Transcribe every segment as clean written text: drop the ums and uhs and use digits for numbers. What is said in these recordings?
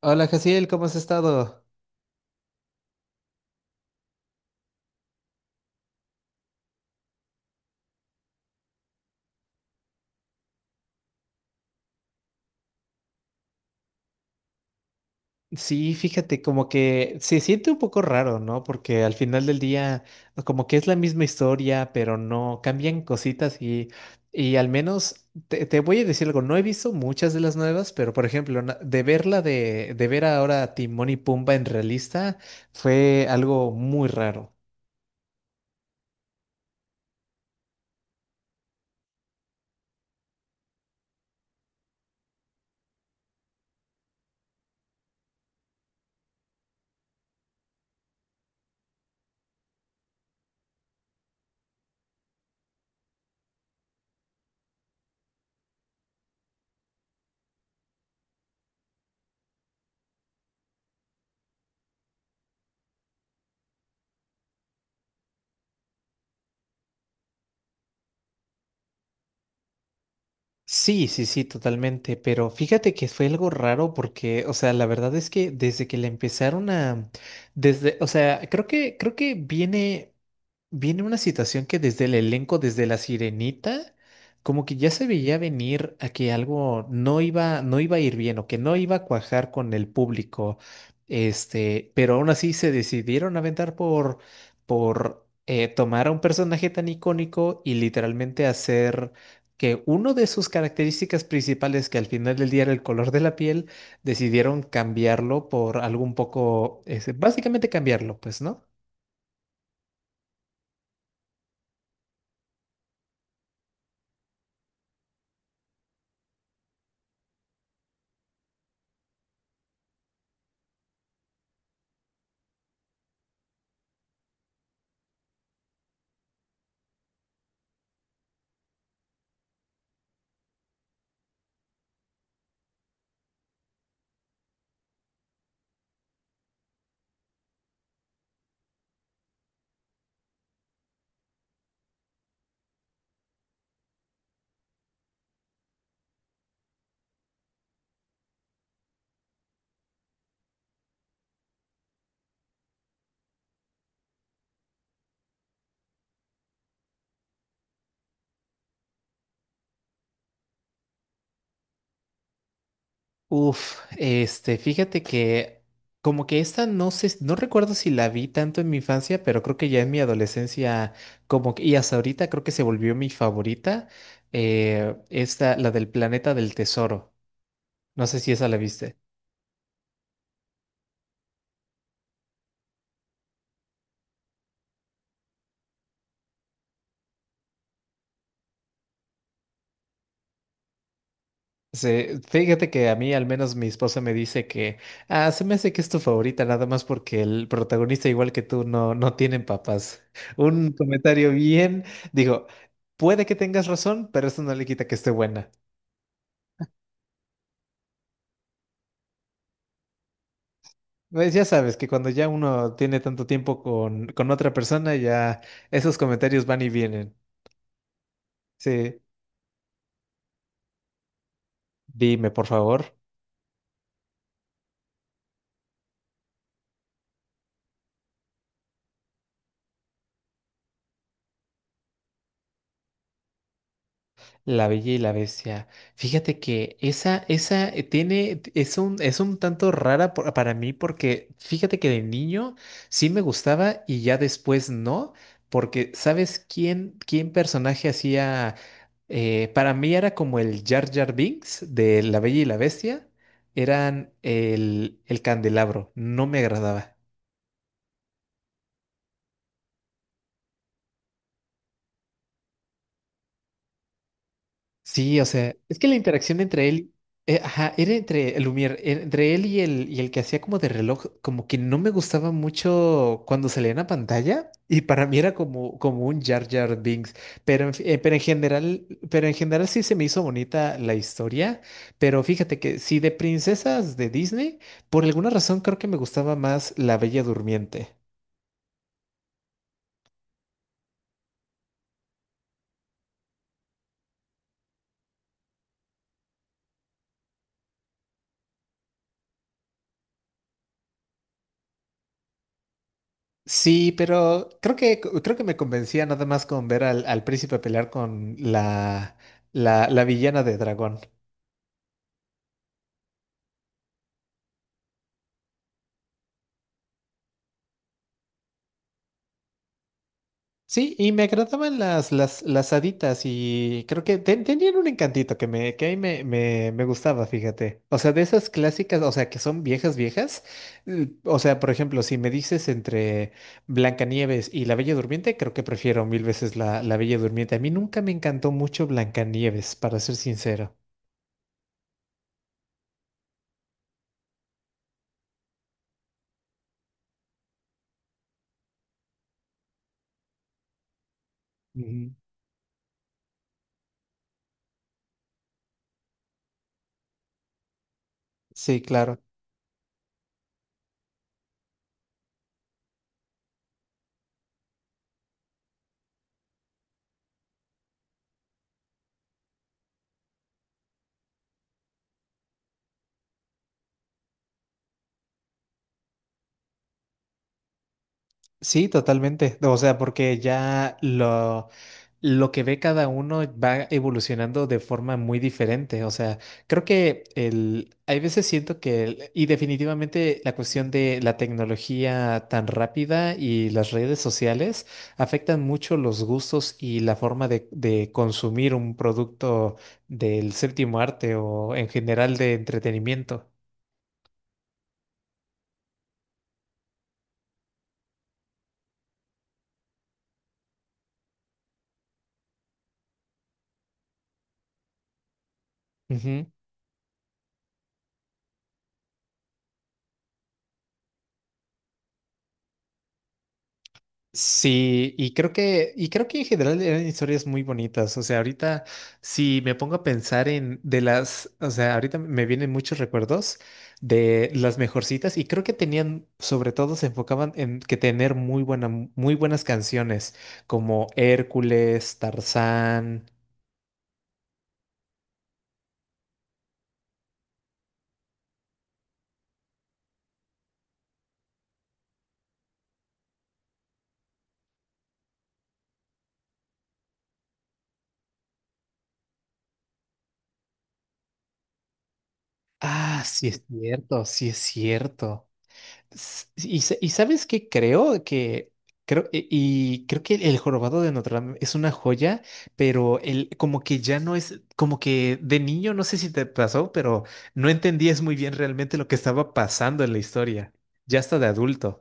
Hola, Jaciel, ¿cómo has estado? Sí, fíjate, como que se siente un poco raro, ¿no? Porque al final del día, como que es la misma historia, pero no cambian cositas y al menos te voy a decir algo, no he visto muchas de las nuevas, pero por ejemplo, de de ver ahora a Timón y Pumba en realista fue algo muy raro. Sí, sí, sí, totalmente, pero fíjate que fue algo raro porque, o sea, la verdad es que desde que le empezaron a, desde, o sea, creo que viene una situación que desde el elenco, desde La Sirenita, como que ya se veía venir a que algo no iba a ir bien o que no iba a cuajar con el público. Pero aún así se decidieron aventar por tomar a un personaje tan icónico y literalmente hacer que uno de sus características principales, que al final del día era el color de la piel, decidieron cambiarlo por algo un poco, básicamente cambiarlo, pues, ¿no? Uf, fíjate que como que esta no sé, no recuerdo si la vi tanto en mi infancia, pero creo que ya en mi adolescencia, como que, y hasta ahorita creo que se volvió mi favorita, esta, la del planeta del tesoro. No sé si esa la viste. Fíjate que a mí, al menos mi esposa me dice que, se me hace que es tu favorita, nada más porque el protagonista, igual que tú, no, no tienen papás. Un comentario bien, digo, puede que tengas razón, pero eso no le quita que esté buena. Pues ya sabes que cuando ya uno tiene tanto tiempo con otra persona, ya esos comentarios van y vienen. Sí, dime, por favor. La Bella y la Bestia. Fíjate que esa tiene, es un tanto rara para mí porque fíjate que de niño sí me gustaba y ya después no, porque ¿sabes quién personaje hacía? Para mí era como el Jar Jar Binks de La Bella y la Bestia, eran el candelabro, no me agradaba. Sí, o sea, es que la interacción entre él, ajá, era entre el Lumière, era entre él y y el que hacía como de reloj, como que no me gustaba mucho cuando salía en la pantalla y para mí era como, como un Jar Jar Binks, pero pero pero en general sí se me hizo bonita la historia, pero fíjate que si de princesas de Disney, por alguna razón creo que me gustaba más La Bella Durmiente. Sí, pero creo que me convencía nada más con ver al príncipe pelear con la villana de dragón. Sí, y me agradaban las haditas y creo que tenían un encantito que a me gustaba, fíjate. O sea, de esas clásicas, o sea, que son viejas, viejas. O sea, por ejemplo, si me dices entre Blancanieves y La Bella Durmiente, creo que prefiero mil veces la Bella Durmiente. A mí nunca me encantó mucho Blancanieves, para ser sincero. Ujú. Sí, claro. Sí, totalmente. O sea, lo que ve cada uno va evolucionando de forma muy diferente. O sea, creo que hay veces siento y definitivamente la cuestión de la tecnología tan rápida y las redes sociales afectan mucho los gustos y la forma de consumir un producto del séptimo arte o en general de entretenimiento. Sí, y creo que en general eran historias muy bonitas. O sea, ahorita si me pongo a pensar en de las, o sea, ahorita me vienen muchos recuerdos de las mejorcitas y creo que tenían, sobre todo se enfocaban en que tener muy muy buenas canciones como Hércules, Tarzán. Ah, sí es cierto, sí es cierto. Y sabes qué creo que creo y creo que el jorobado de Notre Dame es una joya, pero el como que ya no es como que de niño no sé si te pasó, pero no entendías muy bien realmente lo que estaba pasando en la historia, ya hasta de adulto.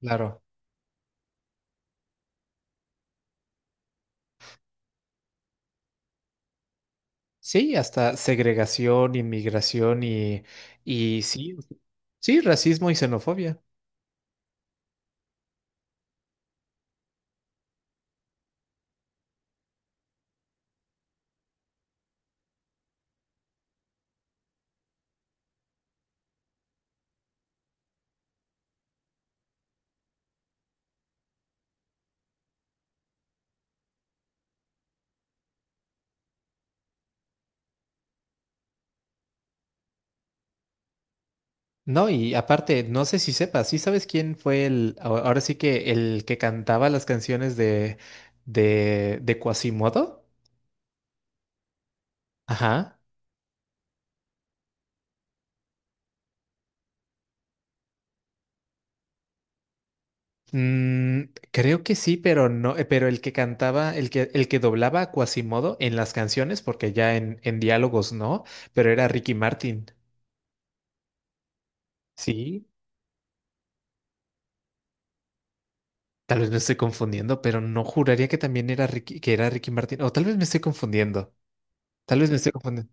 Claro. Sí, hasta segregación, inmigración y sí, sí, racismo y xenofobia. No, y aparte, no sé si sepas, ¿sí sabes quién fue ahora sí que el que cantaba las canciones de Quasimodo? Ajá. Mm, creo que sí, pero no, pero el que cantaba, el que doblaba a Quasimodo en las canciones, porque ya en diálogos no, pero era Ricky Martin. Sí, tal vez me estoy confundiendo, pero no juraría que también era que era Ricky Martin, o tal vez me estoy confundiendo, tal vez me estoy confundiendo,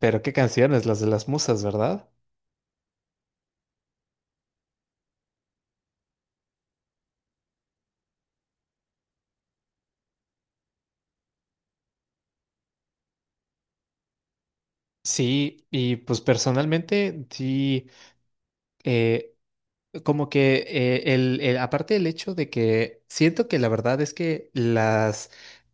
pero qué canciones, las de las musas, ¿verdad? Sí, y pues personalmente, sí, eh, como que el- aparte del hecho de que siento que la verdad es que las,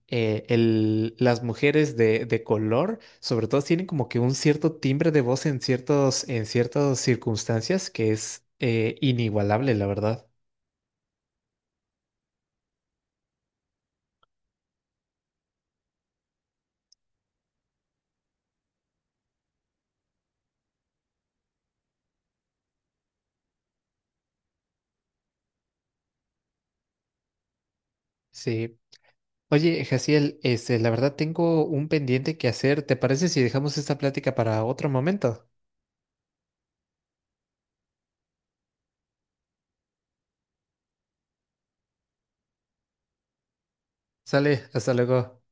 eh, el- las mujeres de color, sobre todo, tienen como que un cierto timbre de voz en en ciertas circunstancias que es inigualable, la verdad. Sí. Oye, Jaciel, la verdad tengo un pendiente que hacer. ¿Te parece si dejamos esta plática para otro momento? Sale, hasta luego.